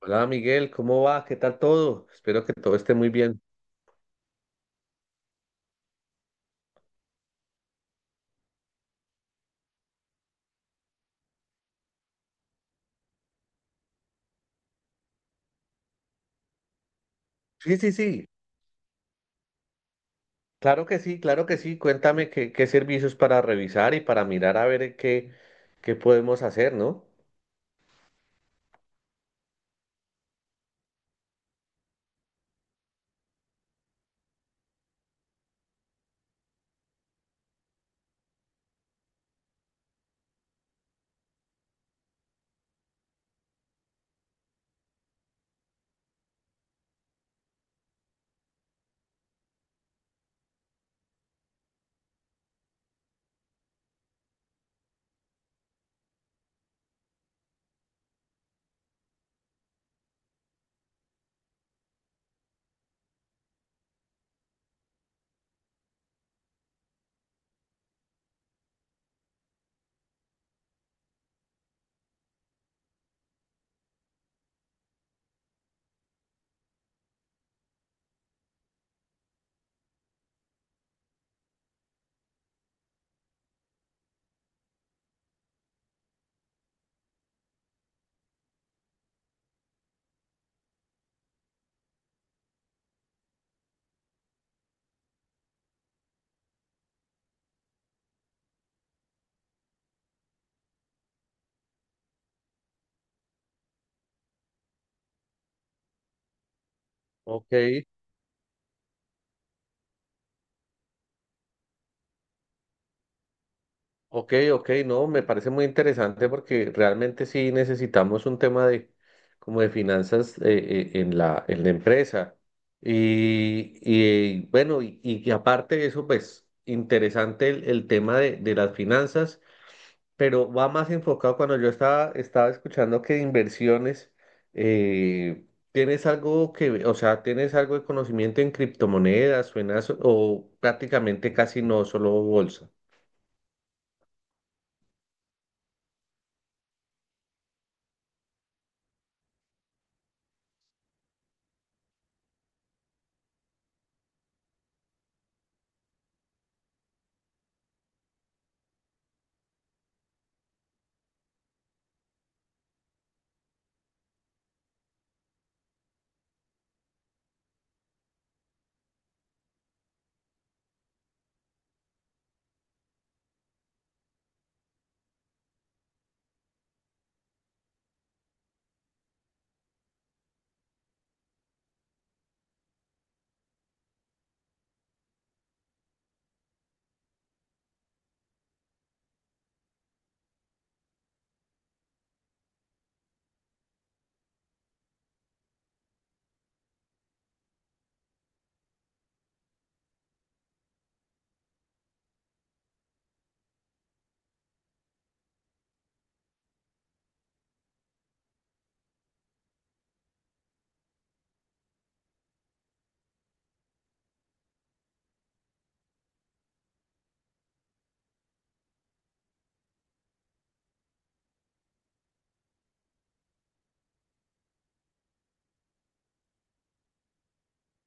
Hola Miguel, ¿cómo vas? ¿Qué tal todo? Espero que todo esté muy bien. Sí, sí, sí, claro que sí, claro que sí. Cuéntame qué servicios para revisar y para mirar a ver qué podemos hacer, ¿no? Ok, ok, ok, no, me parece muy interesante porque realmente sí necesitamos un tema de como de finanzas, en en la empresa. Y bueno, y aparte de eso, pues interesante el tema de las finanzas, pero va más enfocado cuando yo estaba escuchando que de inversiones. eh, ¿Tienes algo que, o sea, tienes algo de conocimiento en criptomonedas, suenas o prácticamente casi no, solo bolsa?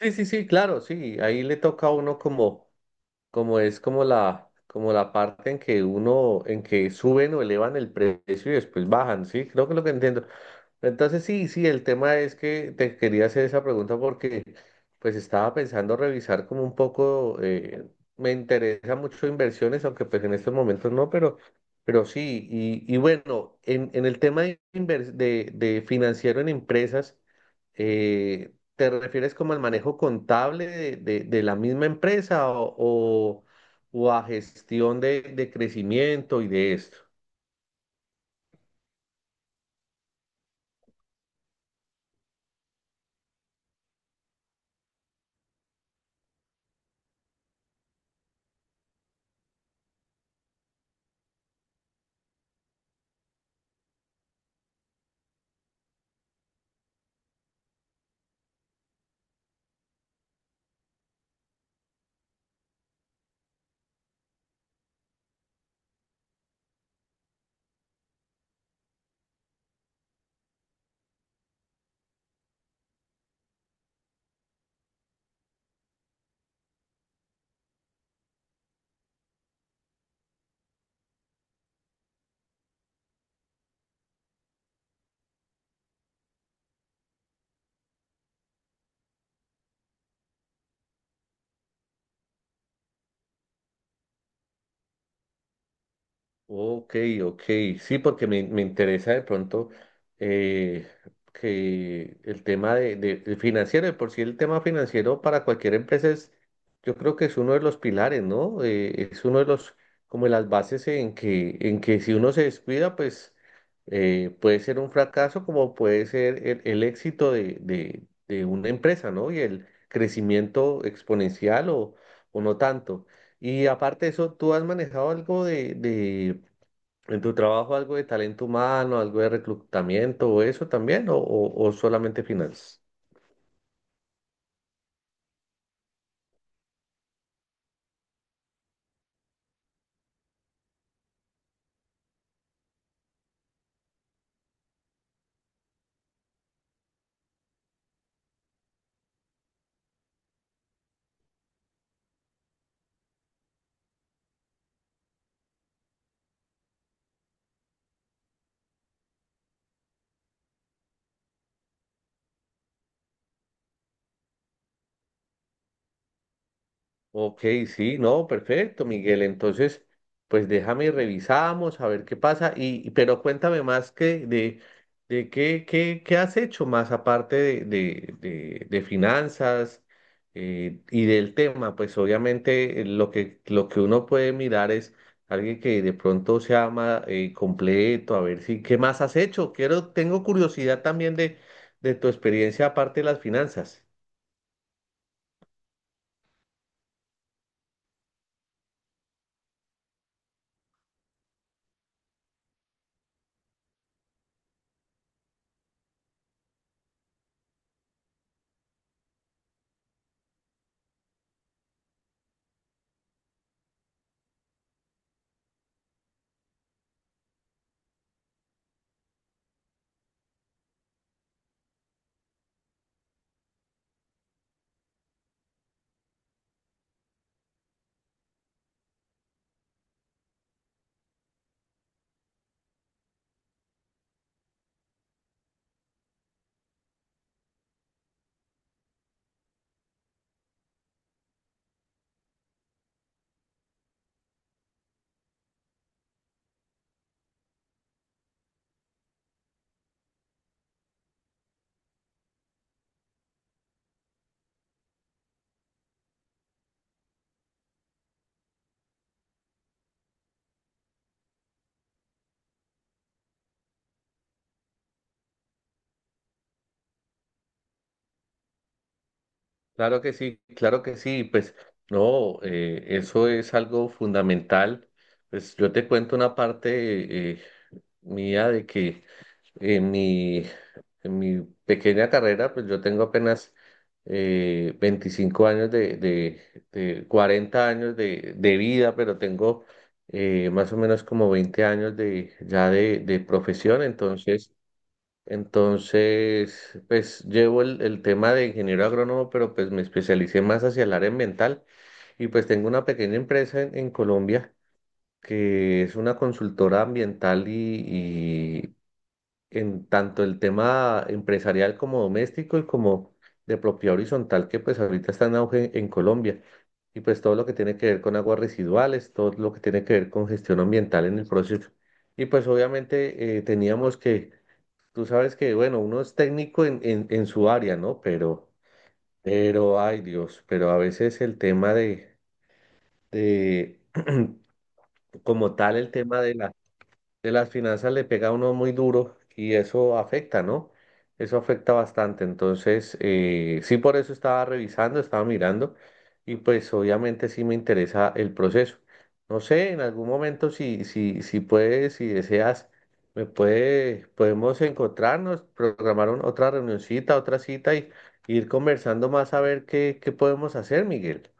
Sí, sí, sí, claro, sí, ahí le toca a uno como... como es como como la parte en que uno, en que suben o elevan el precio y después bajan, ¿sí? Creo que es lo que entiendo. Entonces sí, sí, el tema es que te quería hacer esa pregunta porque pues estaba pensando revisar como un poco. Me interesa mucho inversiones, aunque pues en estos momentos no, pero sí. Y bueno, en el tema de, de financiero en empresas. eh, ¿Te refieres como al manejo contable de, de la misma empresa o, o a gestión de crecimiento y de esto? Ok, ok, sí, porque me interesa de pronto, eh, que el tema de, del financiero, de por sí el tema financiero para cualquier empresa es, yo creo que es uno de los pilares, ¿no? Es uno de los, como las bases en que si uno se descuida, pues puede ser un fracaso como puede ser el éxito de una empresa, ¿no? Y el crecimiento exponencial o no tanto. Y aparte de eso, ¿tú has manejado algo de en tu trabajo, algo de talento humano, algo de reclutamiento o eso también, o, o solamente finanzas? Ok, sí, no, perfecto, Miguel. Entonces, pues déjame y revisamos a ver qué pasa. Pero cuéntame más que de qué has hecho más aparte de, de finanzas, y del tema. Pues obviamente, lo que uno puede mirar es alguien que de pronto se ama, completo, a ver si, ¿qué más has hecho? Quiero, tengo curiosidad también de tu experiencia aparte de las finanzas. Claro que sí, pues no, eso es algo fundamental. Pues yo te cuento una parte, mía de que en mi, en mi pequeña carrera, pues yo tengo apenas 25 años de 40 años de vida, pero tengo más o menos como 20 años de, ya de profesión, entonces... Entonces, pues llevo el tema de ingeniero agrónomo, pero pues me especialicé más hacia el área ambiental, y pues tengo una pequeña empresa en Colombia, que es una consultora ambiental y en tanto el tema empresarial como doméstico y como de propiedad horizontal, que pues ahorita está en auge en Colombia. Y pues todo lo que tiene que ver con aguas residuales, todo lo que tiene que ver con gestión ambiental en el proceso. Y pues obviamente, teníamos que... Tú sabes que, bueno, uno es técnico en su área, ¿no? Pero, ay Dios, pero a veces el tema de como tal, el tema de la, de las finanzas le pega a uno muy duro y eso afecta, ¿no? Eso afecta bastante. Entonces, sí, por eso estaba revisando, estaba mirando, y pues obviamente sí me interesa el proceso. No sé, en algún momento si, si, si puedes, si deseas, podemos encontrarnos, programar otra reunioncita, otra cita, y ir conversando más a ver qué podemos hacer, Miguel.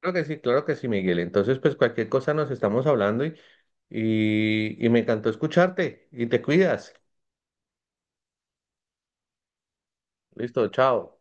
Claro que sí, Miguel. Entonces, pues cualquier cosa nos estamos hablando, y me encantó escucharte y te cuidas. Listo, chao.